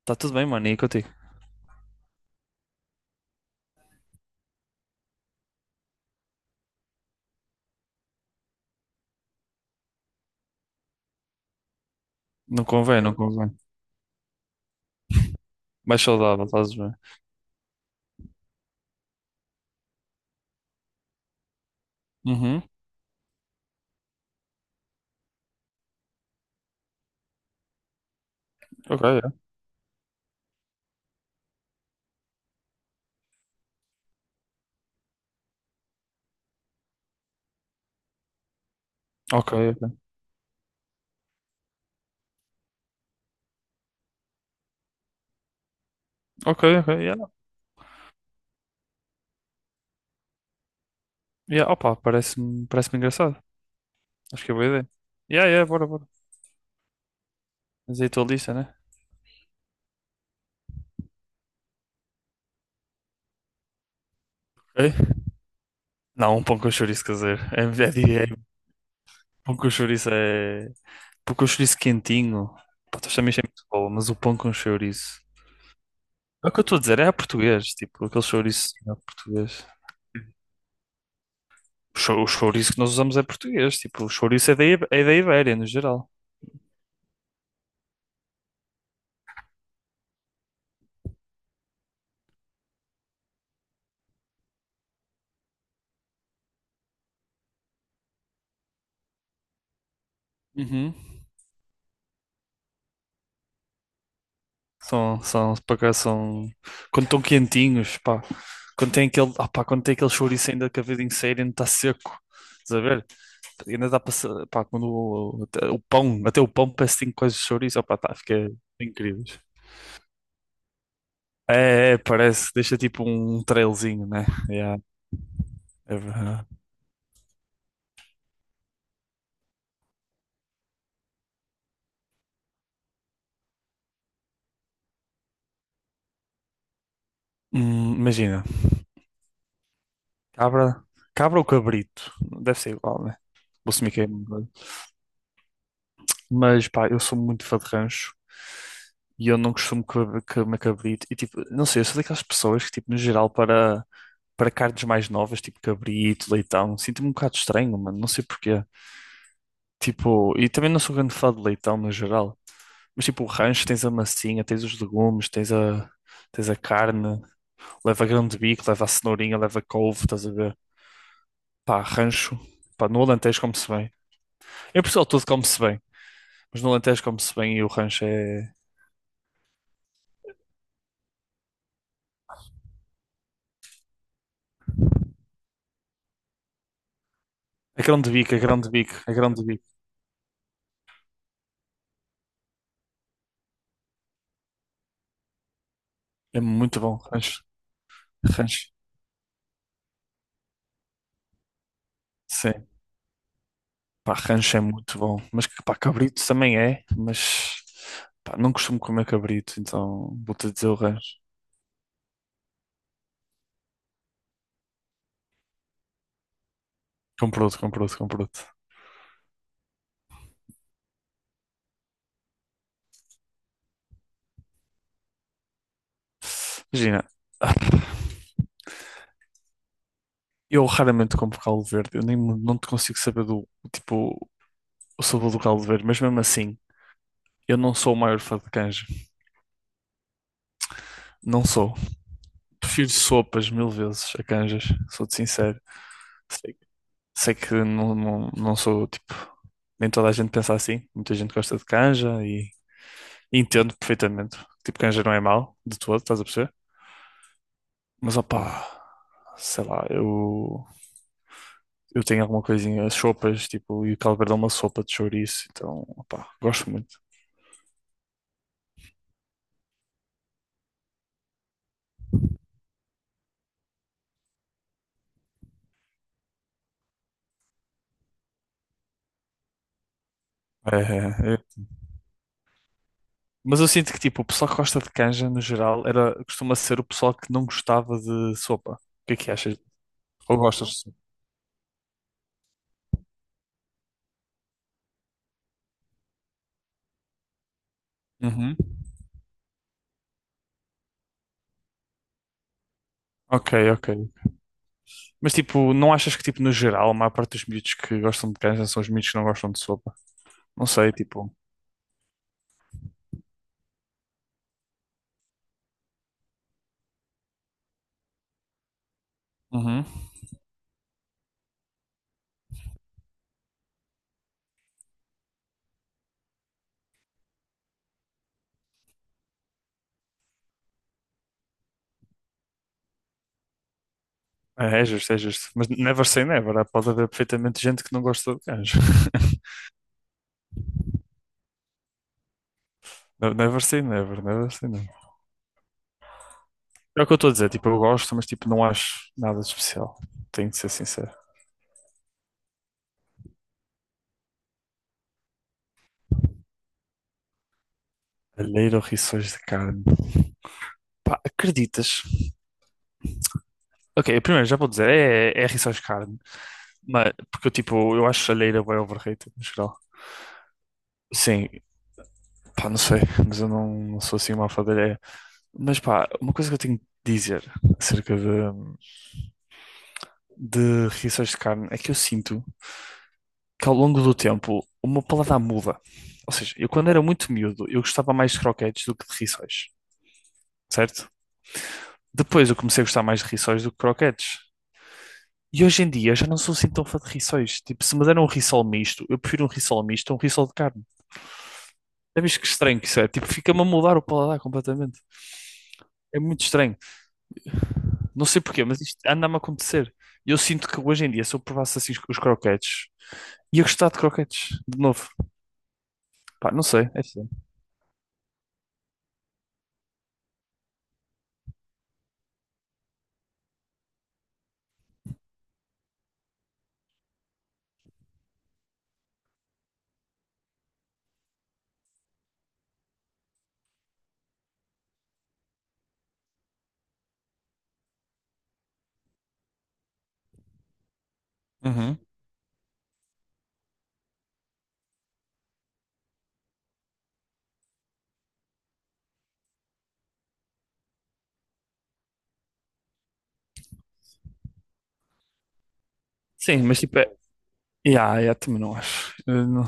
Está tudo bem, mano, e contigo? Não convém, não convém. Mais saudável, estás bem. Uhum. Ok, yeah. Ok, ok. Ok, ok, yeah. Yeah, opa, parece-me engraçado. Acho que é boa ideia. Yeah, yeah, bora, bora. Mas aí a tua lista, né? Ok. Não, um pão com chouriço caseiro. É, é, é, é, pão com chouriço é... Pão com chouriço quentinho. Pá, tu também é muito boa, mas o pão com chouriço... É o que eu estou a dizer, é a português, tipo, aquele chouriço é português. O chouriço que nós usamos é português, tipo, o chouriço é da Ibéria, no geral. Uhum. São, são, por acaso são. Quando estão quentinhos, pá. Quando tem aquele, ah, pá, quando tem aquele chouriço ainda que a vida inteira ainda está seco. Estás a ver? Ainda dá pá, quando o, até o pão parece que tem coisas de chouriço, opá, tá, fica incrível. É, é, parece, deixa tipo um trailzinho, né? Yeah, é verdade. Imagina, cabra, cabra ou cabrito? Deve ser igual, né? Vou assumir que é. Mas pá, eu sou muito fã de rancho e eu não costumo comer cabrito. E tipo, não sei, eu sou daquelas pessoas que, tipo, no geral, para carnes mais novas, tipo cabrito, leitão, sinto-me um bocado estranho, mano, não sei porquê. Tipo, e também não sou grande fã de leitão no geral. Mas tipo, o rancho tens a massinha, tens os legumes, tens a carne, leva grão de bico, leva a cenourinha, leva couve, estás a ver? Pá, rancho. Pá, no Alentejo come-se bem. Em Portugal tudo come-se bem, mas no Alentejo come-se bem e o rancho é. A grande bico, a grande bico, a grande bico. É muito bom, rancho. Rancho, sim. Pá, rancho é muito bom. Mas, pá, cabrito também é, mas, pá, não costumo comer cabrito, então vou-te dizer o rancho. Compro-te, comprou te Imagina, eu raramente compro caldo verde, eu nem, não te consigo saber do, tipo, o sabor do caldo verde, mas mesmo assim, eu não sou o maior fã de canja. Não sou. Prefiro sopas mil vezes a canjas, sou-te sincero. Sei que não, não, não sou tipo. Nem toda a gente pensa assim. Muita gente gosta de canja e entendo perfeitamente. Tipo, canja não é mau de todo, estás a perceber? Mas opá, sei lá, eu tenho alguma coisinha, as sopas, tipo, e o caldo verde é uma sopa de chouriço, então opá, gosto muito. É, é, é. Mas eu sinto que tipo, o pessoal que gosta de canja no geral era, costuma ser o pessoal que não gostava de sopa. O que é que achas? Ou gostas de sopa? Uhum. Ok, ok. Mas tipo, não achas que tipo, no geral, a maior parte dos miúdos que gostam de canja são os miúdos que não gostam de sopa? Não sei, tipo. Uhum. É, é justo, é justo. Mas never say never. Pode haver perfeitamente gente que não gosta de canja. Never say never, never say never. É o que eu estou a dizer, tipo, eu gosto, mas tipo, não acho nada de especial. Tenho de ser sincero. Alheiro ou rissóis de carne? Pá, acreditas? Ok, primeiro já vou dizer, é, é rissóis de carne. Mas, porque eu tipo, eu acho alheira bem overrated no geral. Sim, pá, não sei, mas eu não, não sou assim uma alfadalheira. Mas pá, uma coisa que eu tenho de dizer acerca de reações de carne é que eu sinto que ao longo do tempo o meu paladar muda. Ou seja, eu quando era muito miúdo, eu gostava mais de croquetes do que de rissóis, certo? Depois eu comecei a gostar mais de rissóis do que croquetes. E hoje em dia eu já não sou assim tão fã de rissóis. Tipo, se me deram um rissol misto, eu prefiro um rissol misto a um rissol de carne. É visto que estranho que isso é? Tipo, fica-me a mudar o paladar completamente. É muito estranho. Não sei porquê, mas isto anda-me a acontecer. E eu sinto que hoje em dia, se eu provasse assim os croquetes, ia gostar de croquetes, de novo. Pá, não sei. É assim. Uhum. Sim, mas tipo, é... Yeah, yeah, também não acho. Eu não-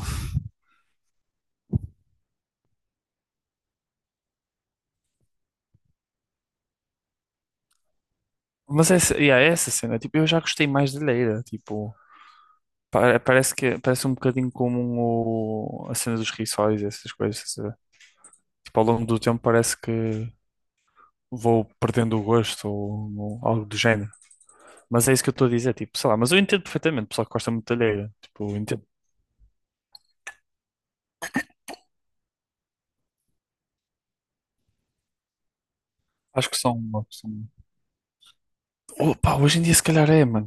Mas é essa, yeah, é essa cena, tipo, eu já gostei mais de leira, tipo, parece que parece um bocadinho como a cena dos rissóis, e essas coisas. Tipo, ao longo do tempo parece que vou perdendo o gosto ou algo do género. Mas é isso que eu estou a dizer, tipo, sei lá, mas eu entendo perfeitamente, o pessoal que gosta muito de alheira, tipo, eu entendo. Acho que são uma opção. Oh, pá, hoje em dia se calhar é, mano.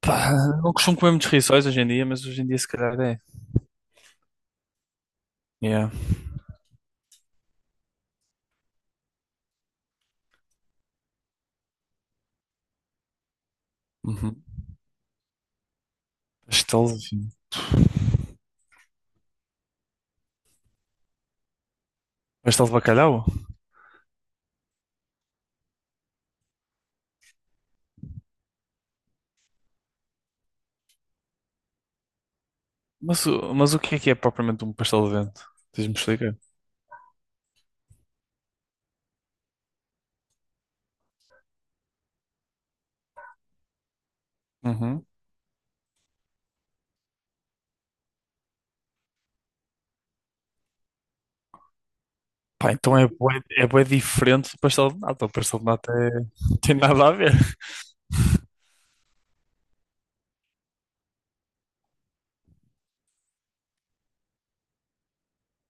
Pá, não costumo comer muitos rissóis hoje em dia, mas hoje em dia se calhar é. Yeah. Uhum. Pastel de... Pastel de bacalhau? Mas, mas o que é propriamente um pastel de vento? Diz-me explicar. Uhum. Pá, então é bué diferente do pastel de nata. O pastel de nata é... tem nada a ver.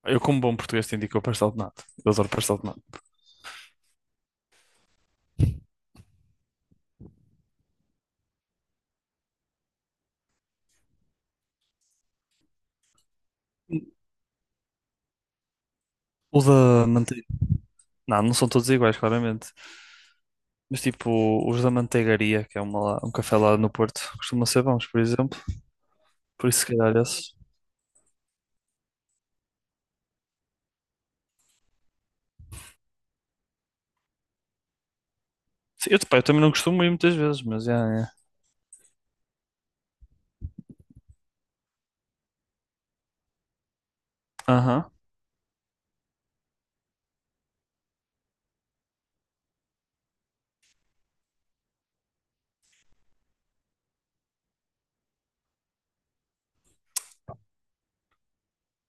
Eu, como bom português, te indico o pastel de nata. Eu adoro pastel de nata. O da manteiga. Não, não são todos iguais, claramente. Mas tipo, os da Manteigaria, que é uma, um café lá no Porto, costumam ser bons, por exemplo. Por isso, se calhar, esses. Sim, eu, pá, eu também não costumo ir muitas vezes, mas é. É. Aham.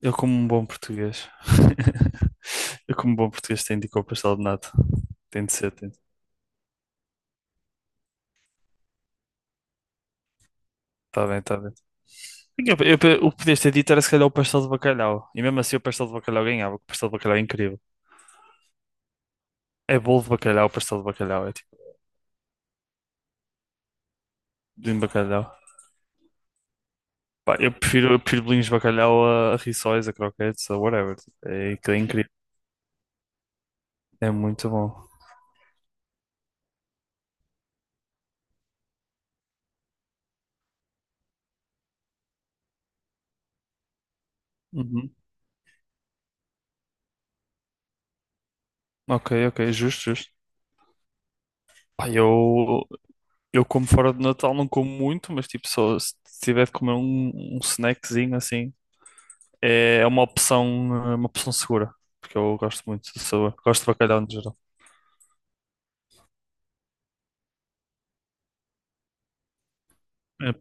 Eu, como um bom português. Eu, como um bom português, tenho de ir com o pastel de nata. Tem de ser, tem de... Tá bem, tá bem. O que podias ter dito era se calhar o pastel de bacalhau. E mesmo assim o pastel de bacalhau ganhava, porque o pastel de bacalhau é incrível. É bolo de bacalhau, pastel de bacalhau. É tipo, bolinho de bacalhau. Pá, eu prefiro bolinhos de bacalhau a rissóis, a croquetes, a whatever. Tipo, é, aquilo é incrível. É muito bom. Uhum. Ok, ok, justo, justo. Pá, eu como fora de Natal não como muito, mas tipo, só se tiver de comer um, um snackzinho assim, é é uma opção segura, porque eu gosto muito de sabor, gosto de bacalhau no geral. É,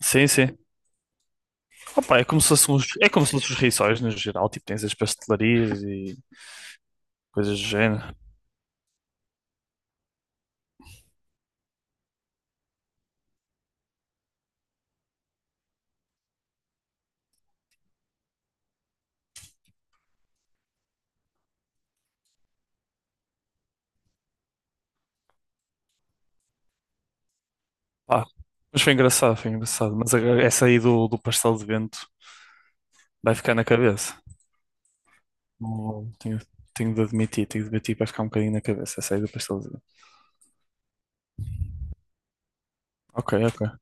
sim, sim. Opa, é como se fossem os, é como se fossem os rissóis no geral, tipo, tens as pastelarias e coisas do género. Pá, mas foi engraçado, foi engraçado. Mas essa aí do, do pastel de vento vai ficar na cabeça. Tenho, tenho de admitir que vai ficar um bocadinho na cabeça essa aí do pastel de vento. Ok, ok.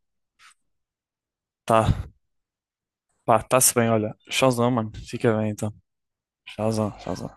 Tá, pá, tá-se bem, olha. Tchauzão, mano. Fica bem então. Tchauzão, tchauzão.